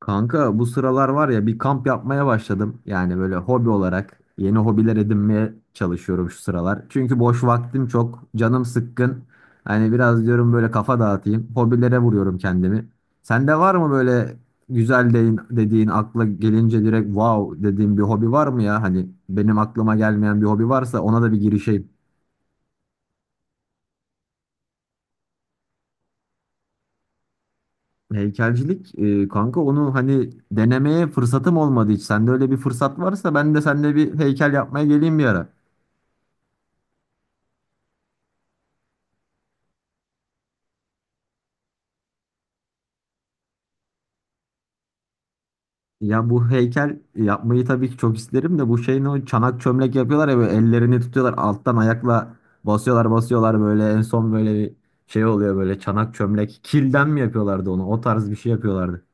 Kanka bu sıralar var ya bir kamp yapmaya başladım. Yani böyle hobi olarak yeni hobiler edinmeye çalışıyorum şu sıralar. Çünkü boş vaktim çok, canım sıkkın. Hani biraz diyorum böyle kafa dağıtayım. Hobilere vuruyorum kendimi. Sende var mı böyle güzel dediğin akla gelince direkt wow dediğin bir hobi var mı ya? Hani benim aklıma gelmeyen bir hobi varsa ona da bir girişeyim. Heykelcilik kanka onu hani denemeye fırsatım olmadı hiç. Sende öyle bir fırsat varsa ben de seninle bir heykel yapmaya geleyim bir ara. Ya bu heykel yapmayı tabii ki çok isterim de bu şeyin o çanak çömlek yapıyorlar ya böyle ellerini tutuyorlar alttan ayakla basıyorlar basıyorlar böyle en son böyle bir şey oluyor böyle çanak çömlek kilden mi yapıyorlardı onu o tarz bir şey yapıyorlardı.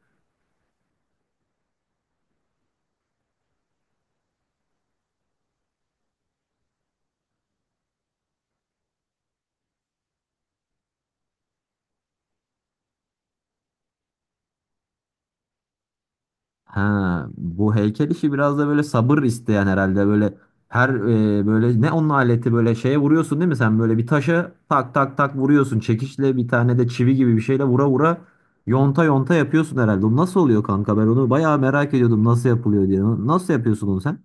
Ha, bu heykel işi biraz da böyle sabır isteyen herhalde böyle böyle ne onun aleti böyle şeye vuruyorsun değil mi sen böyle bir taşa tak tak tak vuruyorsun çekiçle bir tane de çivi gibi bir şeyle vura vura yonta yonta yapıyorsun herhalde. O nasıl oluyor kanka ben onu bayağı merak ediyordum nasıl yapılıyor diye. Nasıl yapıyorsun onu sen?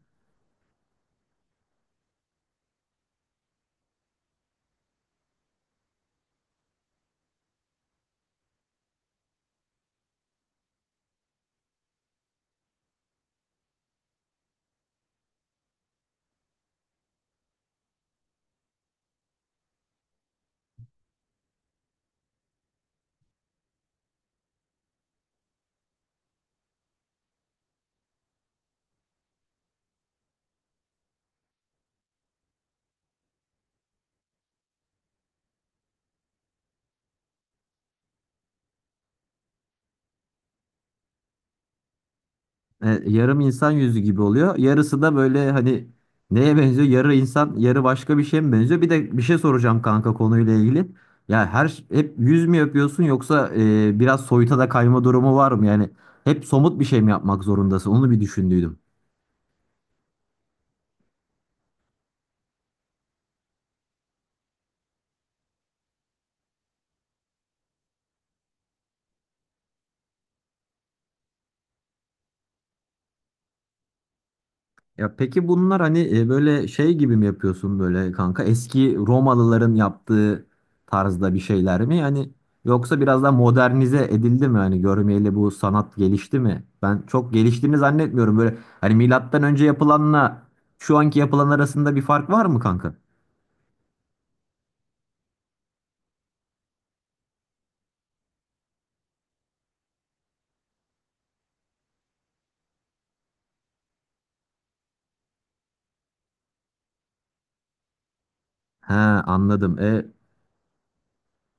Yarım insan yüzü gibi oluyor. Yarısı da böyle hani neye benziyor? Yarı insan, yarı başka bir şeye mi benziyor? Bir de bir şey soracağım kanka konuyla ilgili. Ya hep yüz mü yapıyorsun yoksa biraz soyuta da kayma durumu var mı? Yani hep somut bir şey mi yapmak zorundasın? Onu bir düşündüydüm. Ya peki bunlar hani böyle şey gibi mi yapıyorsun böyle kanka? Eski Romalıların yaptığı tarzda bir şeyler mi? Yani yoksa biraz daha modernize edildi mi? Hani görmeyeli bu sanat gelişti mi? Ben çok geliştiğini zannetmiyorum. Böyle hani milattan önce yapılanla şu anki yapılan arasında bir fark var mı kanka? He anladım.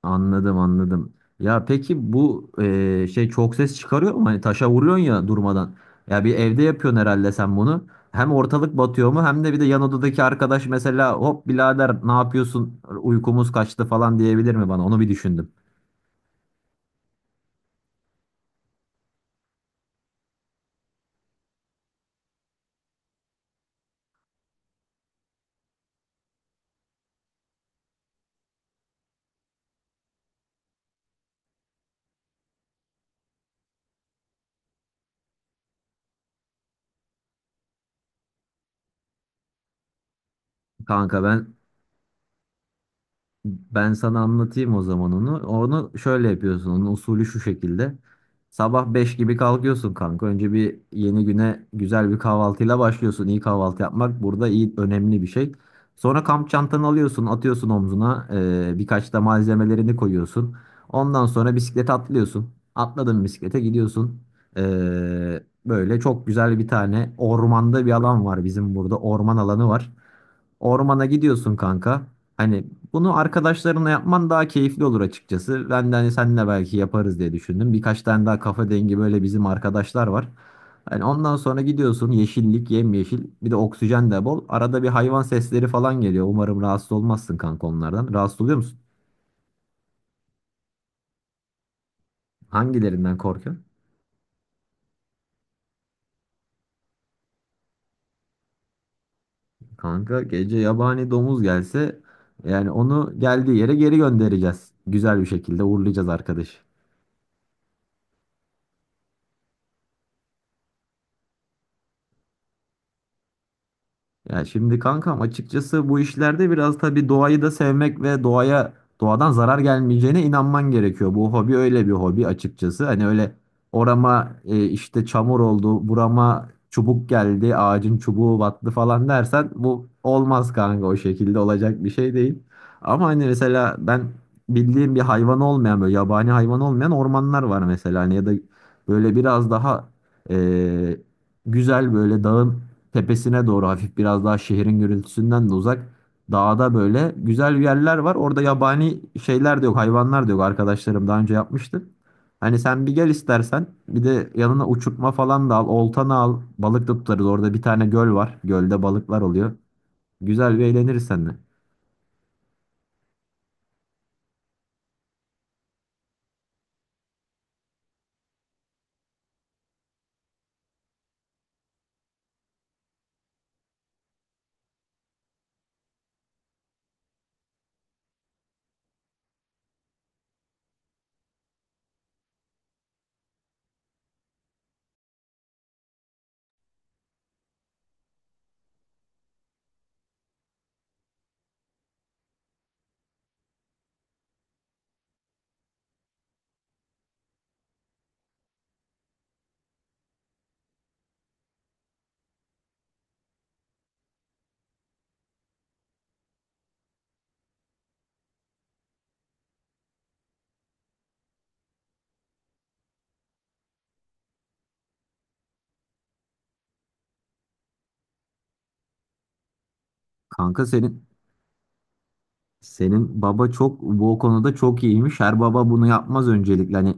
Anladım anladım. Ya peki bu şey çok ses çıkarıyor mu? Hani taşa vuruyorsun ya durmadan. Ya bir evde yapıyorsun herhalde sen bunu. Hem ortalık batıyor mu hem de bir de yan odadaki arkadaş mesela hop birader ne yapıyorsun uykumuz kaçtı falan diyebilir mi bana? Onu bir düşündüm. Kanka ben Ben sana anlatayım o zaman onu. Onu şöyle yapıyorsun. Onun usulü şu şekilde. Sabah 5 gibi kalkıyorsun kanka. Önce bir yeni güne güzel bir kahvaltıyla başlıyorsun. İyi kahvaltı yapmak burada iyi önemli bir şey. Sonra kamp çantanı alıyorsun, atıyorsun omzuna. Birkaç da malzemelerini koyuyorsun. Ondan sonra bisiklete atlıyorsun. Atladın bisiklete gidiyorsun. Ee, Böyle çok güzel bir tane ormanda bir alan var bizim burada. Orman alanı var. Ormana gidiyorsun kanka. Hani bunu arkadaşlarına yapman daha keyifli olur açıkçası. Ben de hani seninle belki yaparız diye düşündüm. Birkaç tane daha kafa dengi böyle bizim arkadaşlar var. Hani ondan sonra gidiyorsun yeşillik, yemyeşil, bir de oksijen de bol. Arada bir hayvan sesleri falan geliyor. Umarım rahatsız olmazsın kanka onlardan. Rahatsız oluyor musun? Hangilerinden korkuyorsun? Kanka gece yabani domuz gelse yani onu geldiği yere geri göndereceğiz. Güzel bir şekilde uğurlayacağız arkadaşı. Ya şimdi kankam açıkçası bu işlerde biraz tabii doğayı da sevmek ve doğadan zarar gelmeyeceğine inanman gerekiyor. Bu hobi öyle bir hobi açıkçası. Hani öyle orama işte çamur oldu, burama çubuk geldi, ağacın çubuğu battı falan dersen bu olmaz kanka o şekilde olacak bir şey değil. Ama hani mesela ben bildiğim bir hayvan olmayan böyle yabani hayvan olmayan ormanlar var mesela hani ya da böyle biraz daha e, güzel böyle dağın tepesine doğru hafif biraz daha şehrin gürültüsünden de uzak dağda böyle güzel yerler var. Orada yabani şeyler de yok, hayvanlar da yok. Arkadaşlarım daha önce yapmıştı. Hani sen bir gel istersen. Bir de yanına uçurtma falan da al, oltanı al. Balık da tutarız. Orada bir tane göl var. Gölde balıklar oluyor. Güzel bir eğleniriz seninle. Kanka senin Senin baba çok bu konuda çok iyiymiş. Her baba bunu yapmaz öncelikle. Hani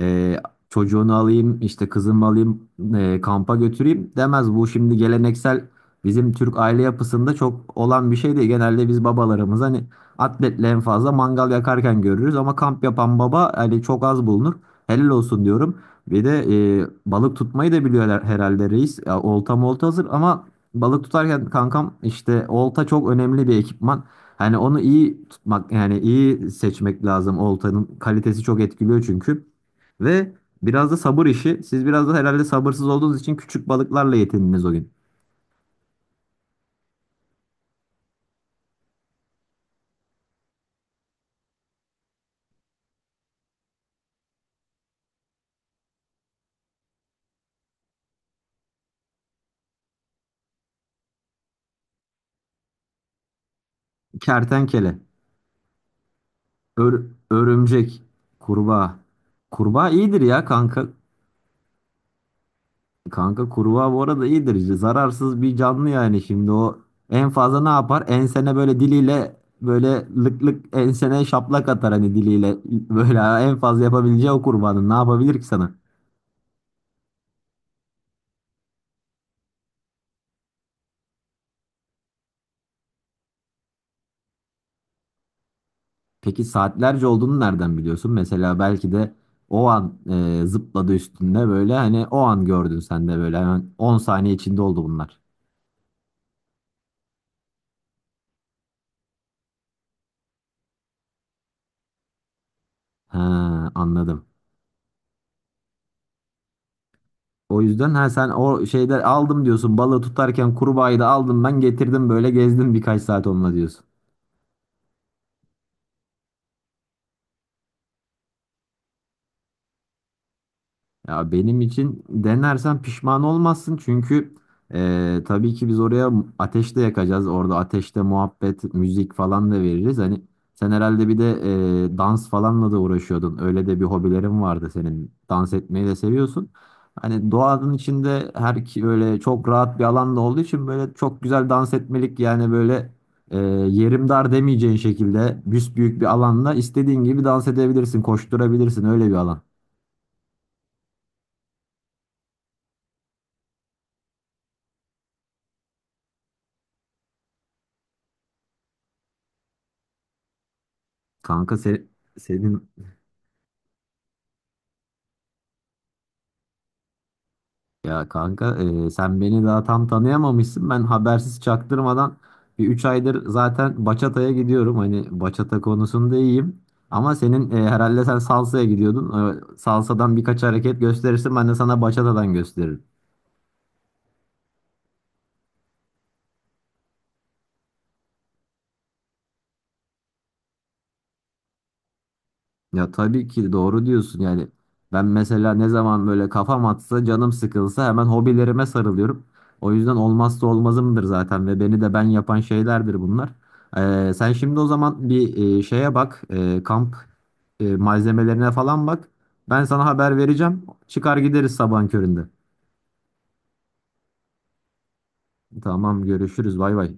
e, çocuğunu alayım, işte kızımı alayım, kampa götüreyim demez. Bu şimdi geleneksel bizim Türk aile yapısında çok olan bir şey değil. Genelde biz babalarımız hani atletle en fazla mangal yakarken görürüz ama kamp yapan baba hani çok az bulunur. Helal olsun diyorum. Bir de balık tutmayı da biliyorlar herhalde reis. Ya, olta molta hazır ama balık tutarken kankam işte olta çok önemli bir ekipman. Hani onu iyi tutmak yani iyi seçmek lazım. Oltanın kalitesi çok etkiliyor çünkü. Ve biraz da sabır işi. Siz biraz da herhalde sabırsız olduğunuz için küçük balıklarla yetindiniz o gün. Kertenkele, ör- örümcek, kurbağa. Kurbağa iyidir ya kanka. Kanka kurbağa bu arada iyidir. Zararsız bir canlı yani şimdi o en fazla ne yapar? Ensene böyle diliyle böyle lık lık ensene şaplak atar hani diliyle. Böyle en fazla yapabileceği o kurbağanın ne yapabilir ki sana? Peki saatlerce olduğunu nereden biliyorsun? Mesela belki de o an zıpladı üstünde böyle hani o an gördün sen de böyle hemen 10 saniye içinde oldu bunlar. He anladım. O yüzden ha sen o şeyde aldım diyorsun balığı tutarken kurbağayı da aldım ben getirdim böyle gezdim birkaç saat onunla diyorsun. Ya benim için denersen pişman olmazsın çünkü tabii ki biz oraya ateş de yakacağız. Orada ateşte muhabbet, müzik falan da veririz. Hani sen herhalde bir de dans falanla da uğraşıyordun. Öyle de bir hobilerin vardı senin. Dans etmeyi de seviyorsun. Hani doğanın içinde her ki böyle çok rahat bir alanda olduğu için böyle çok güzel dans etmelik yani böyle e, yerim dar demeyeceğin şekilde büsbüyük bir alanda istediğin gibi dans edebilirsin, koşturabilirsin öyle bir alan. Kanka senin ya kanka, sen beni daha tam tanıyamamışsın. Ben habersiz çaktırmadan bir 3 aydır zaten bachata'ya gidiyorum. Hani bachata konusunda iyiyim. Ama senin herhalde sen salsa'ya gidiyordun. Salsa'dan birkaç hareket gösterirsin ben de sana bachata'dan gösteririm. Ya tabii ki doğru diyorsun yani. Ben mesela ne zaman böyle kafam atsa, canım sıkılsa hemen hobilerime sarılıyorum. O yüzden olmazsa olmazımdır zaten ve beni de ben yapan şeylerdir bunlar. Sen şimdi o zaman bir şeye bak, kamp malzemelerine falan bak. Ben sana haber vereceğim. Çıkar gideriz sabahın köründe. Tamam, görüşürüz. Bay bay.